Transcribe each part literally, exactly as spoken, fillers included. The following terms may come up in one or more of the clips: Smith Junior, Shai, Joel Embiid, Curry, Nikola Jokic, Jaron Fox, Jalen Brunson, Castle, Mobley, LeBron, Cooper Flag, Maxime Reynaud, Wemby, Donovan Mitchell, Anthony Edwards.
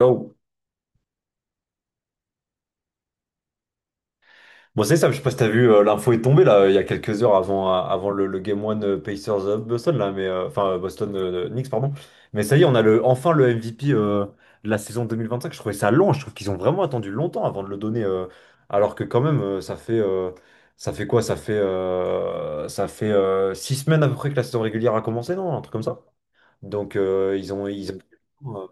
Go. Bon, c'est ça, je sais pas si t'as vu, euh, l'info est tombée là, euh, il y a quelques heures avant, euh, avant le, le Game One euh, Pacers euh, Boston, là, mais, euh, enfin euh, Boston euh, Knicks, pardon. Mais ça y est, on a le, enfin le M V P euh, de la saison deux mille vingt-cinq. Je trouvais ça long, je trouve qu'ils ont vraiment attendu longtemps avant de le donner. Euh, alors que quand même, euh, ça fait, euh, ça fait quoi? Ça fait, euh, ça fait euh, six semaines à peu près que la saison régulière a commencé, non? Un truc comme ça. Donc euh, ils ont, ils ont- euh,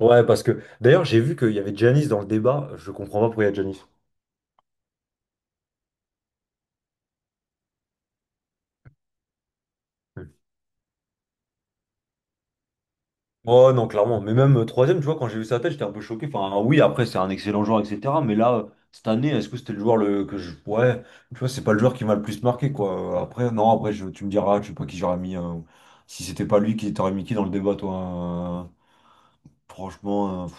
Ouais, parce que d'ailleurs, j'ai vu qu'il y avait Giannis dans le débat, je comprends pas pourquoi il y a Giannis. Ouais, non, clairement. Mais même euh, troisième, tu vois, quand j'ai vu sa tête, j'étais un peu choqué. Enfin, oui, après, c'est un excellent joueur, et cetera. Mais là, euh, cette année, est-ce que c'était le joueur le... que je. Ouais, tu vois, c'est pas le joueur qui m'a le plus marqué, quoi. Euh, Après, non, après, je... tu me diras, je sais pas qui j'aurais mis. euh, Si c'était pas lui, qui t'aurais mis qui dans le débat, toi? euh, Franchement. Euh, pff.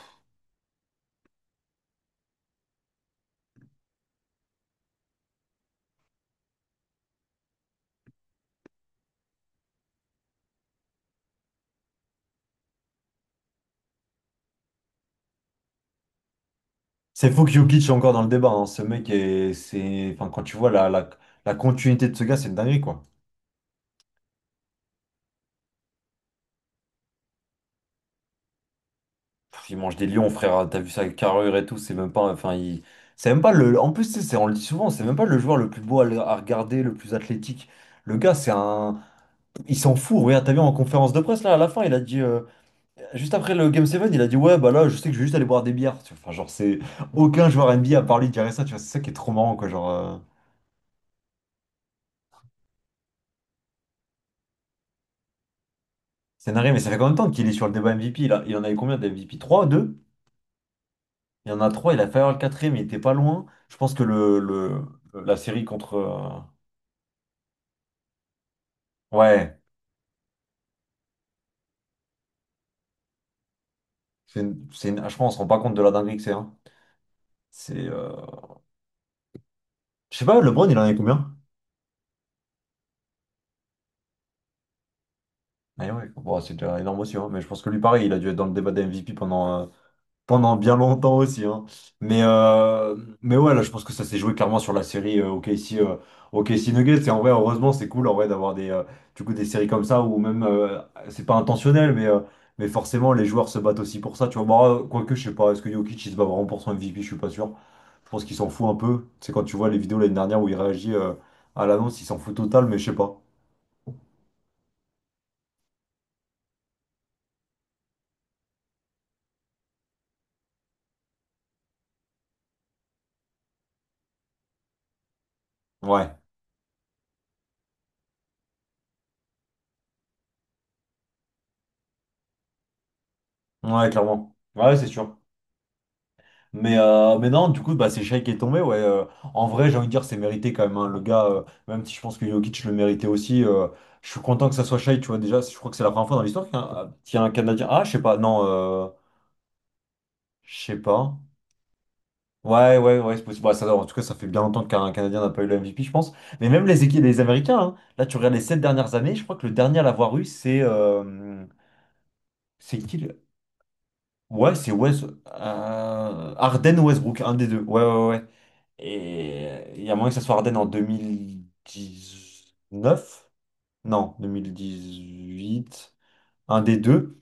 C'est fou que Jokic est encore dans le débat, hein. Ce mec, est... c'est. Enfin, quand tu vois la, la... la continuité de ce gars, c'est une dinguerie, quoi. Pff, Ils mangent des lions, frère. T'as vu sa carrure et tout. C'est même pas. Enfin, il... c'est même pas le. En plus, tu sais, c'est- on le dit souvent, c'est même pas le joueur le plus beau à, le- à regarder, le plus athlétique. Le gars, c'est un. Il s'en fout. Regarde, t'as vu en conférence de presse, là, à la fin, il a dit. euh, Juste après le Game sept, il a dit, ouais, bah là, je sais que je vais juste aller boire des bières. Tu vois, enfin, genre, c'est. Aucun joueur N B A à part lui dirait ça, tu vois. C'est ça qui est trop marrant, quoi. Genre. euh, C'est narré, mais ça fait combien de temps qu'il est sur le débat M V P, là? Il en avait combien de M V P? Trois deux. Il y en a trois, il a failli avoir le quatrième, il était pas loin. Je pense que le, le- la série contre. euh, Ouais, C'est une- c'est une- Je pense qu'on se rend pas compte de la dinguerie que c'est, hein. C'est. euh, Je sais pas, LeBron, il en avait combien? Ah ouais, bon, c'est déjà énorme aussi, hein. Mais je pense que lui, pareil, il a dû être dans le débat des M V P pendant, euh, pendant bien longtemps aussi, hein. Mais, euh, Mais ouais, là, je pense que ça s'est joué clairement sur la série euh, O K C, euh, O K C Nuggets. Et en vrai, heureusement, c'est cool en vrai d'avoir des, euh, du coup, des séries comme ça où même, euh, c'est pas intentionnel, mais, euh, mais forcément, les joueurs se battent aussi pour ça. Tu vois, bah, quoique, je sais pas, est-ce que Jokic, il se bat vraiment pour son M V P? Je suis pas sûr. Je pense qu'il s'en fout un peu. C'est quand tu vois les vidéos l'année dernière où il réagit euh, à l'annonce, il s'en fout total, mais je sais pas. Ouais, ouais, clairement. Ouais, c'est sûr. Mais, euh, mais non, du coup, bah, c'est Shai qui est tombé. Ouais, euh, en vrai, j'ai envie de dire, c'est mérité quand même, hein. Le gars, euh, même si je pense que Jokic le méritait aussi, euh, je suis content que ça soit Shai. Tu vois, déjà, je crois que c'est la première fois dans l'histoire qu'il y, a un qu'il y a un Canadien. Ah, je sais pas, non, euh, je sais pas. Ouais, ouais, ouais, c'est possible. Bah, ça, en tout cas, ça fait bien longtemps qu'un Canadien n'a pas eu le M V P, je pense. Mais même les équipes, les Américains, hein, là, tu regardes les sept dernières années, je crois que le dernier à l'avoir eu, c'est. euh, c'est qui le- Ouais, c'est West... euh, Harden ou Westbrook, un des deux. Ouais, ouais, ouais. Et euh, il y a moyen que ça soit Harden en deux mille dix-neuf. Non, deux mille dix-huit. Un des deux.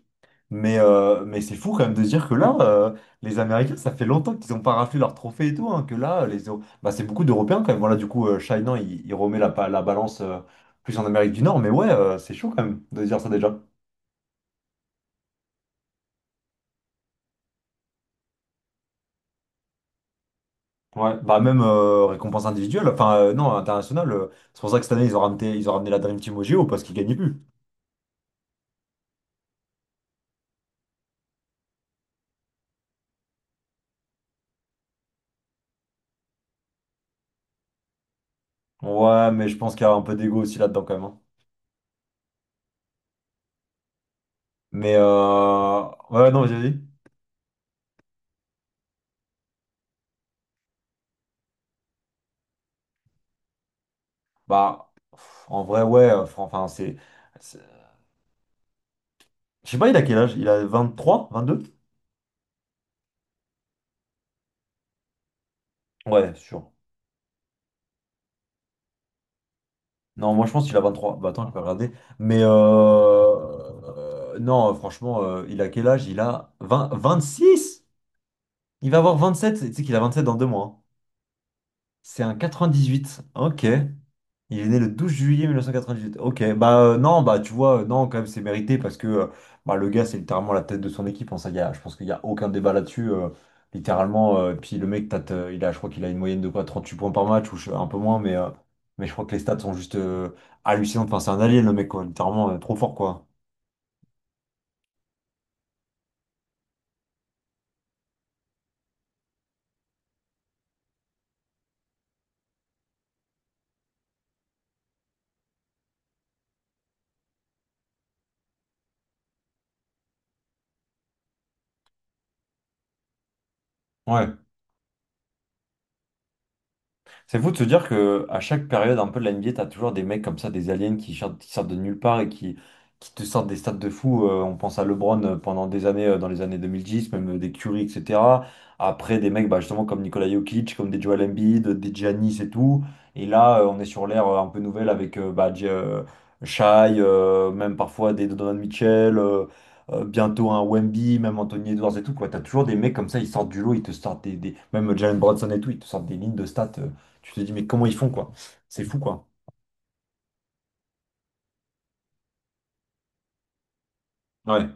Mais, euh, mais c'est fou quand même de se dire que là, euh, les Américains, ça fait longtemps qu'ils n'ont pas raflé leur trophée et tout, hein, que là, les... Euro- bah, c'est beaucoup d'Européens quand même. Voilà, du coup, euh, Shainan, il, il remet la, pa- la balance euh, plus en Amérique du Nord, mais ouais, euh, c'est chaud quand même de se dire ça déjà. Ouais, bah même euh, récompense individuelle, enfin euh, non, internationale, euh, c'est pour ça que cette année, ils ont ramené, ils ont ramené la Dream Team au J O parce qu'ils gagnaient plus. Ouais, mais je pense qu'il y a un peu d'ego aussi là-dedans quand même, hein. Mais euh... ouais, non, vas-y, vas-y. Bah, pff, en vrai, ouais, euh, fran- enfin, c'est. Je sais pas, il a quel âge? Il a vingt trois vingt deux. Ouais, sûr. Non, moi je pense qu'il a vingt trois. Bah attends, je vais regarder. Mais euh... euh, non, euh, Franchement, euh, il a quel âge? Il a vingt vingt six. Il va avoir vingt sept. Tu sais qu'il a vingt sept dans deux mois, hein. C'est un quatre-vingt-dix-huit. Ok. Il est né le douze juillet mille neuf cent quatre-vingt-dix-huit. Ok, bah euh, non, bah tu vois, euh, non, quand même, c'est mérité parce que euh, bah, le gars, c'est littéralement la tête de son équipe. Hein, ça, y a, je pense qu'il n'y a aucun débat là-dessus. Euh, littéralement, euh, puis le mec, t'as, t'as- il a, je crois qu'il a une moyenne de quoi, trente-huit points par match ou je- un peu moins, mais, euh, mais je crois que les stats sont juste euh, hallucinantes. Enfin, c'est un alien, le mec, quoi, littéralement, euh, trop fort, quoi. Ouais. C'est fou de se dire que à chaque période un peu de la N B A, t'as toujours des mecs comme ça, des aliens qui sortent, qui sortent de nulle part et qui, qui te sortent des stats de fou. Euh, on pense à LeBron euh, pendant des années, euh, dans les années deux mille dix, même euh, des Curry, et cetera. Après, des mecs bah, justement comme Nikola Jokic, comme des Joel Embiid, des Giannis et tout. Et là, euh, on est sur l'ère euh, un peu nouvelle avec euh, bah, J- euh, Shai, euh, même parfois des Donovan Mitchell, euh, euh, bientôt un Wemby, même Anthony Edwards et tout, quoi. T'as toujours des mecs comme ça, ils sortent du lot, ils te sortent des, des- même Jalen Brunson et tout, ils te sortent des lignes de stats. Euh, tu te dis, mais comment ils font, quoi? C'est fou, quoi. Ouais,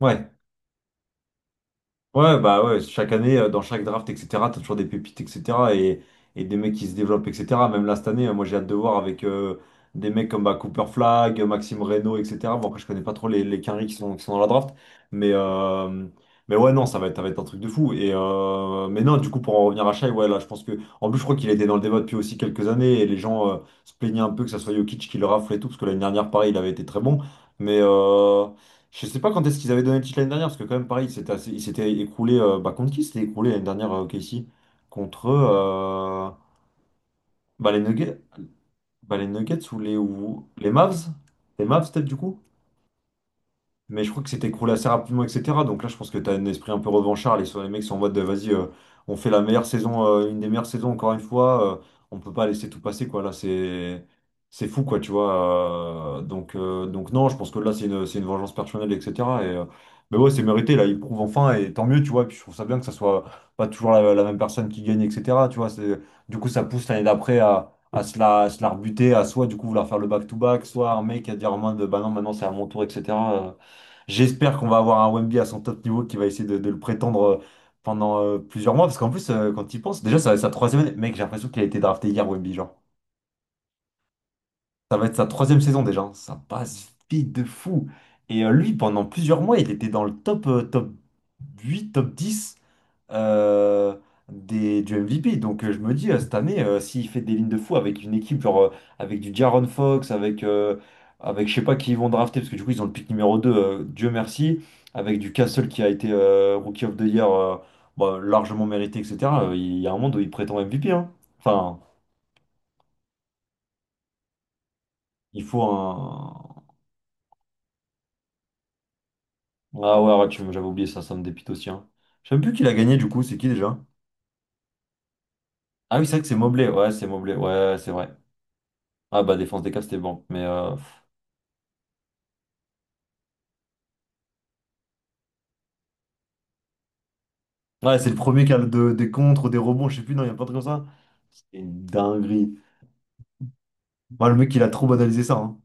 ouais, ouais, bah ouais, chaque année, euh, dans chaque draft, et cetera, t'as toujours des pépites, et cetera, et, et des mecs qui se développent, et cetera. Même là, cette année, euh, moi, j'ai hâte de voir avec euh, des mecs comme bah, Cooper Flag, Maxime Reynaud, et cetera. Bon, après, je connais pas trop les, les quinries qui sont, qui sont dans la draft, mais, euh, mais ouais, non, ça va être, ça va être un truc de fou. Et, euh, mais non, du coup, pour en revenir à Shai, ouais, là, je pense que, en plus, je crois qu'il était dans le débat depuis aussi quelques années, et les gens euh, se plaignaient un peu que ça soit Jokic qui le rafle et tout, parce que l'année dernière, pareil, il avait été très bon, mais. euh, Je sais pas quand est-ce qu'ils avaient donné le titre l'année dernière, parce que quand même, pareil, il s'était assez- il s'était écroulé. Euh, bah, contre qui s'était écroulé l'année dernière, euh, Casey? Contre euh, bah, les Nuggets, bah, les Nuggets ou les, ou les Mavs? Les Mavs, peut-être, du coup? Mais je crois que c'était écroulé assez rapidement, et cetera. Donc là, je pense que tu as un esprit un peu revanchard. Les, les mecs sont en mode, vas-y, euh, on fait la meilleure saison, euh, une des meilleures saisons encore une fois. Euh, on peut pas laisser tout passer, quoi. Là, c'est c'est fou, quoi, tu vois. euh, donc, euh, donc non, je pense que là, c'est une, c'est une vengeance personnelle, et cetera. Et, euh, mais ouais, c'est mérité. Là, ils prouvent enfin, et tant mieux, tu vois. Et puis je trouve ça bien que ça soit pas toujours la, la même personne qui gagne, et cetera. Tu vois, c'est, du coup, ça pousse l'année d'après à, à se la, à se la rebuter, à soit, du coup, vouloir faire le back-to-back, soit un mec à dire en mode, bah non, maintenant, c'est à mon tour, et cetera. J'espère qu'on va avoir un Wemby à son top niveau qui va essayer de, de le prétendre euh, pendant euh, plusieurs mois. Parce qu'en plus, euh, quand il pense, déjà, ça va être sa troisième année. Mec, j'ai l'impression qu'il a été drafté hier, Wemby, genre. Ça va être sa troisième saison déjà, hein. Ça passe vite de fou. Et euh, lui, pendant plusieurs mois, il était dans le top, euh, top huit top dix euh, des, du M V P. Donc euh, je me dis, euh, cette année, euh, s'il fait des lignes de fou avec une équipe, genre euh, avec du Jaron Fox, avec, euh, avec je sais pas qui ils vont drafter, parce que du coup ils ont le pick numéro deux euh, Dieu merci, avec du Castle qui a été euh, Rookie of the Year euh, bah, largement mérité, et cetera euh, Il y a un monde où il prétend M V P, hein. Enfin, il faut un. Ah ouais, ouais, tu- j'avais oublié ça, ça me dépite aussi, hein. Je sais même plus qui l'a gagné du coup, c'est qui déjà? Ah oui, c'est vrai que c'est Mobley, ouais, c'est Mobley, ouais, c'est vrai. Ah bah défense des cas, c'était bon, mais euh, Ouais, c'est le premier qui a de- des contres, ou des rebonds, je sais plus, non, il y a pas de truc comme ça. C'est une dinguerie. Moi, le mec, il a trop banalisé ça, hein.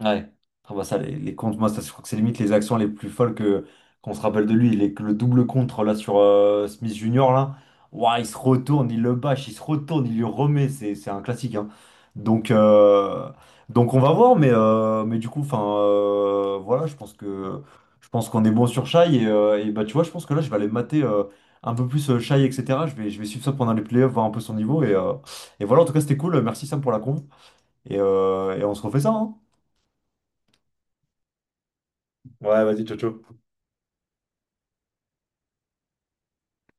Ouais. Ah bah ça, les, les comptes, moi, ça, je crois que c'est limite les actions les plus folles que qu'on se rappelle de lui. Les- le double contre là sur euh, Smith Junior là. Ouah, il se retourne, il le bâche, il se retourne, il lui remet. C'est c'est un classique, hein. Donc, euh, donc on va voir, mais, euh, mais du coup, enfin euh, voilà, je pense que je pense qu'on est bon sur Shai. Et, euh, et bah tu vois, je pense que là, je vais aller mater euh, un peu plus euh, Shai, et cetera. Je vais, je vais suivre ça pendant les playoffs, voir un peu son niveau. Et, euh, et voilà, en tout cas, c'était cool. Merci Sam pour la conf. Et, euh, et on se refait ça, hein. Ouais, vas-y, ciao, ciao.